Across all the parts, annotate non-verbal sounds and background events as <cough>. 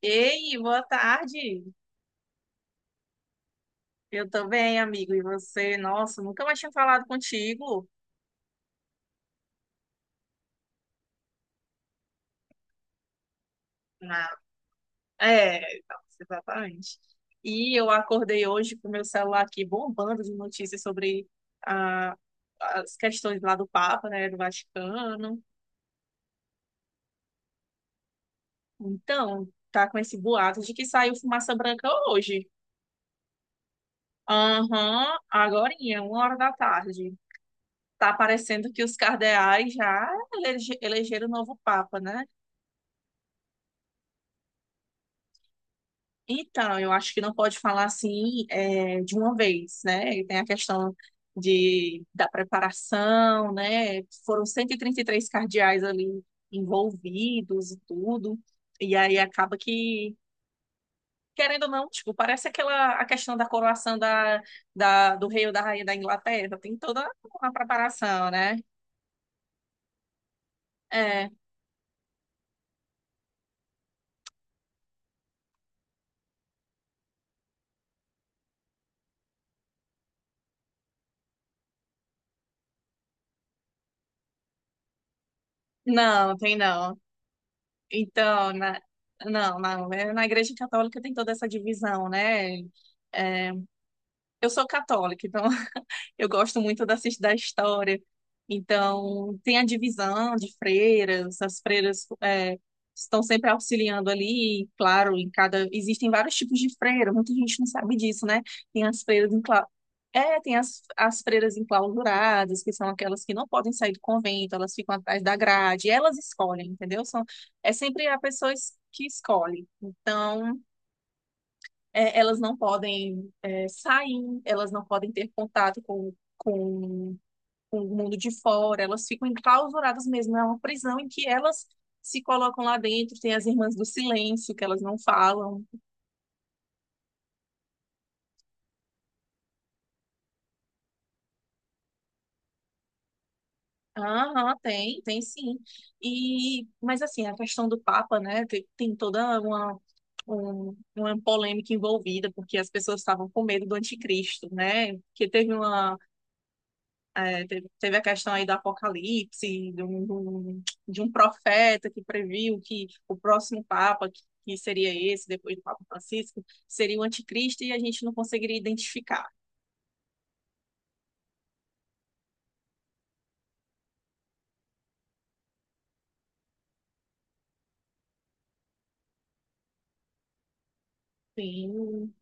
Ei, boa tarde. Eu tô bem, amigo. E você? Nossa, nunca mais tinha falado contigo. Não. É, nossa, exatamente. E eu acordei hoje com o meu celular aqui bombando de notícias sobre ah, as questões lá do Papa, né, do Vaticano. Então, tá com esse boato de que saiu fumaça branca hoje. Aham, agorinha, 13h. Tá parecendo que os cardeais já elegeram o novo Papa, né? Então, eu acho que não pode falar assim de uma vez, né? E tem a questão da preparação, né? Foram cento e trinta e três cardeais ali envolvidos e tudo. E aí acaba que, querendo ou não, tipo, parece aquela a questão da coroação do rei ou da rainha da Inglaterra. Tem toda uma preparação, né? É, não, tem não. Então, não, não. Na Igreja Católica tem toda essa divisão, né? É, eu sou católica, então <laughs> eu gosto muito da história. Então, tem a divisão de freiras, as freiras estão sempre auxiliando ali, e, claro, em cada. Existem vários tipos de freira, muita gente não sabe disso, né? Tem as freiras tem as freiras enclausuradas, que são aquelas que não podem sair do convento, elas ficam atrás da grade, elas escolhem, entendeu? São... É sempre a pessoa que escolhe. Então, elas não podem sair, elas não podem ter contato com o mundo de fora, elas ficam enclausuradas mesmo. É uma prisão em que elas se colocam lá dentro. Tem as irmãs do silêncio, que elas não falam. Aham, tem sim. E, mas assim, a questão do Papa, né, tem toda uma polêmica envolvida, porque as pessoas estavam com medo do anticristo, né? Porque É, teve a questão aí do apocalipse, de um profeta que previu que o próximo Papa, que seria esse, depois do Papa Francisco, seria o anticristo e a gente não conseguiria identificar. Sim,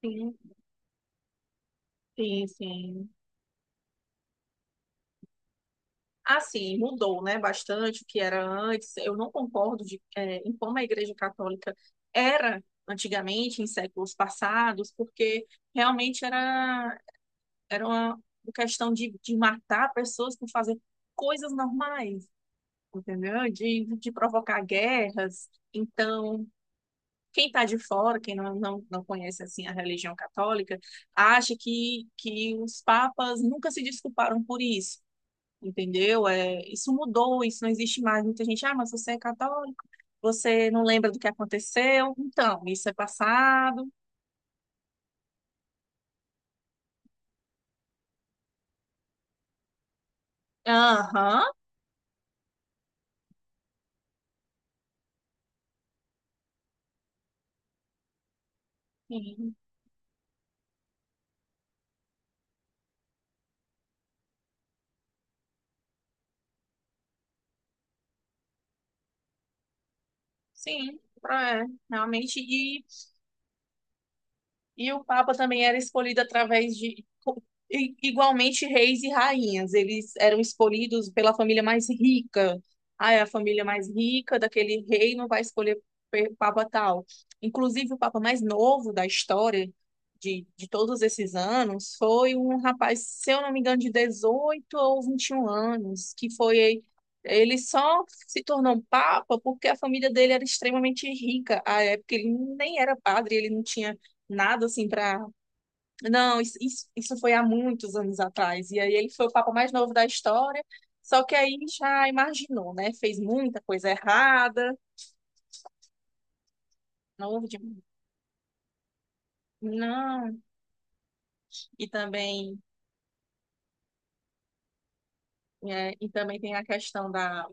sim, sim, sim. Assim, mudou, né, bastante o que era antes. Eu não concordo em como a Igreja Católica era antigamente, em séculos passados, porque realmente era uma questão de matar pessoas por fazer coisas normais, entendeu? De provocar guerras. Então, quem está de fora, quem não conhece assim a religião católica, acha que os papas nunca se desculparam por isso, entendeu? É, isso mudou, isso não existe mais. Muita gente, mas você é católico, você não lembra do que aconteceu, então, isso é passado. Aham, sim, sim, é, realmente. E o Papa também era escolhido através igualmente, reis e rainhas. Eles eram escolhidos pela família mais rica. Ah, é a família mais rica daquele rei não vai escolher Papa tal. Inclusive, o Papa mais novo da história de todos esses anos foi um rapaz, se eu não me engano, de 18 ou 21 anos, que foi. Ele só se tornou um papa porque a família dele era extremamente rica. À época, ele nem era padre, ele não tinha nada assim pra. Não, isso foi há muitos anos atrás. E aí ele foi o papa mais novo da história. Só que aí já imaginou, né? Fez muita coisa errada. Novo de... Não. E também. E também tem a questão da,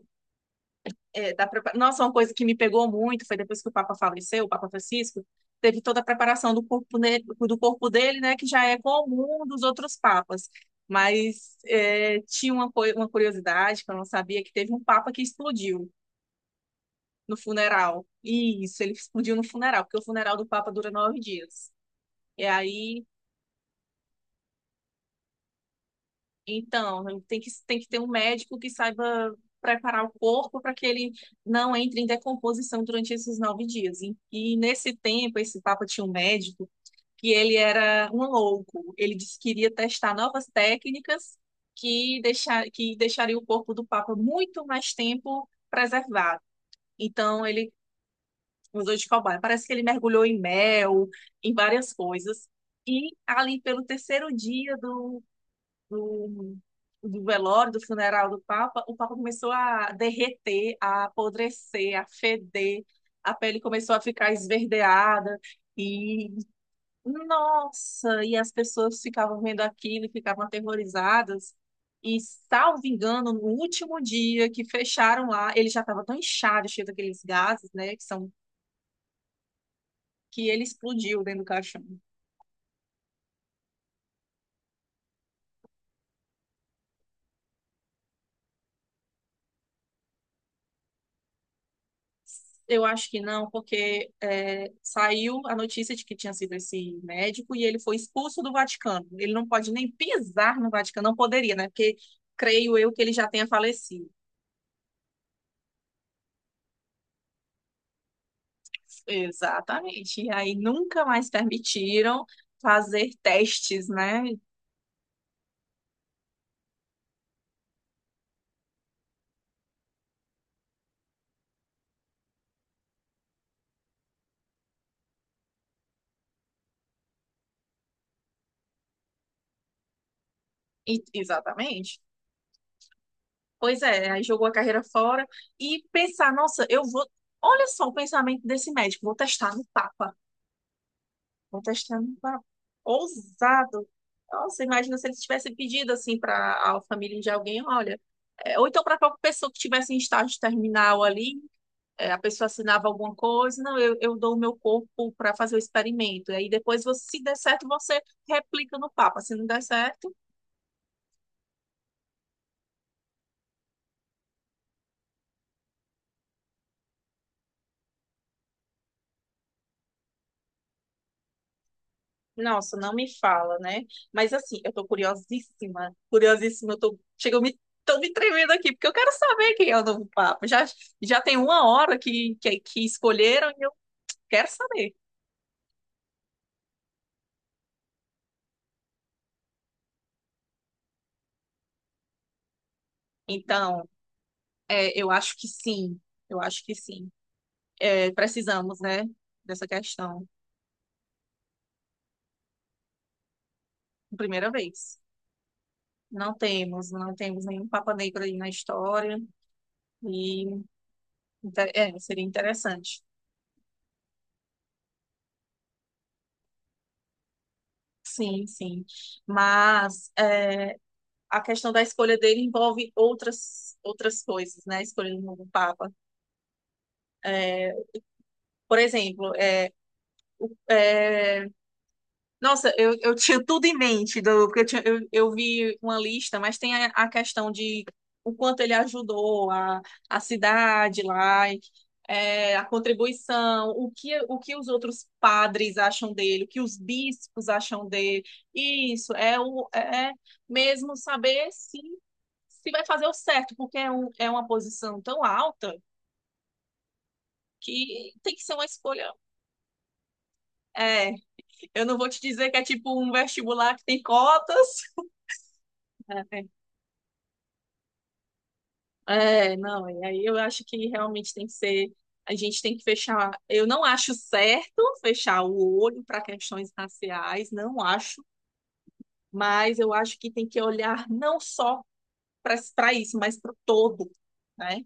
é, da prepa- Nossa, uma coisa que me pegou muito foi depois que o Papa faleceu, o Papa Francisco, teve toda a preparação do corpo dele, né, que já é comum dos outros papas. Mas tinha uma curiosidade que eu não sabia, que teve um papa que explodiu. No funeral. Isso, ele explodiu no funeral, porque o funeral do Papa dura 9 dias. E aí, então, tem que ter um médico que saiba preparar o corpo para que ele não entre em decomposição durante esses 9 dias. E nesse tempo, esse Papa tinha um médico que ele era um louco. Ele disse que iria testar novas técnicas que deixaria o corpo do Papa muito mais tempo preservado. Então, ele Museu de Cobaia. Parece que ele mergulhou em mel, em várias coisas. E ali pelo terceiro dia do, do funeral do Papa, o Papa começou a derreter, a apodrecer, a feder, a pele começou a ficar esverdeada. E, Nossa, e as pessoas ficavam vendo aquilo e ficavam aterrorizadas. E, salvo engano, no último dia que fecharam lá, ele já estava tão inchado, cheio daqueles gases, né, que ele explodiu dentro do caixão. Eu acho que não, porque saiu a notícia de que tinha sido esse médico e ele foi expulso do Vaticano. Ele não pode nem pisar no Vaticano, não poderia, né? Porque creio eu que ele já tenha falecido. Exatamente. E aí nunca mais permitiram fazer testes, né? Exatamente. Pois é, aí jogou a carreira fora e pensar, nossa, eu vou. Olha só o pensamento desse médico, vou testar no Papa. Vou testar um pa- Ousado. Nossa, imagina se ele tivesse pedido assim para a família de alguém, olha, ou então para a própria pessoa que tivesse em estágio terminal ali, a pessoa assinava alguma coisa, não, eu dou o meu corpo para fazer o experimento. E aí depois, você, se der certo, você replica no Papa. Se não der certo, nossa, não me fala, né? Mas assim, eu tô curiosíssima, curiosíssima, chega, tô me tremendo aqui, porque eu quero saber quem é o novo Papa. Já tem uma hora que escolheram, quero saber. Então, eu acho que sim, eu acho que sim. É, precisamos, né, dessa questão, primeira vez. Não temos nenhum Papa Negro aí na história, e seria interessante. Sim, sim. Mas a questão da escolha dele envolve outras coisas, né? A escolha do novo Papa. Por exemplo, é, nossa, eu tinha tudo em mente, porque eu vi uma lista, mas tem a questão de o quanto ele ajudou a cidade lá, e, a contribuição, o que os outros padres acham dele, o que os bispos acham dele. Isso, é, o, é é mesmo saber se vai fazer o certo, porque uma posição tão alta que tem que ser uma escolha. É, eu não vou te dizer que é tipo um vestibular que tem cotas. <laughs> É, não, e aí eu acho que realmente tem que ser, a gente tem que fechar, eu não acho certo fechar o olho para questões raciais, não acho, mas eu acho que tem que olhar não só para isso, mas para o todo, né?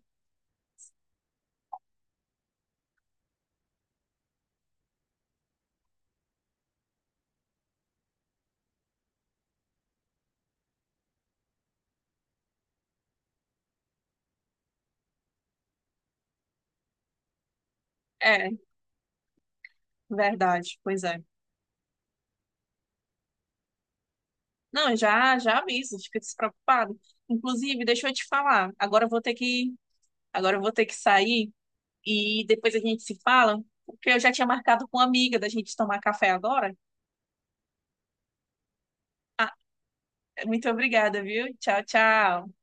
É, verdade, pois é. Não, eu já já aviso, fica despreocupado. Inclusive, deixa eu te falar, agora eu vou ter que sair e depois a gente se fala, porque eu já tinha marcado com uma amiga da gente tomar café agora. Muito obrigada, viu? Tchau, tchau.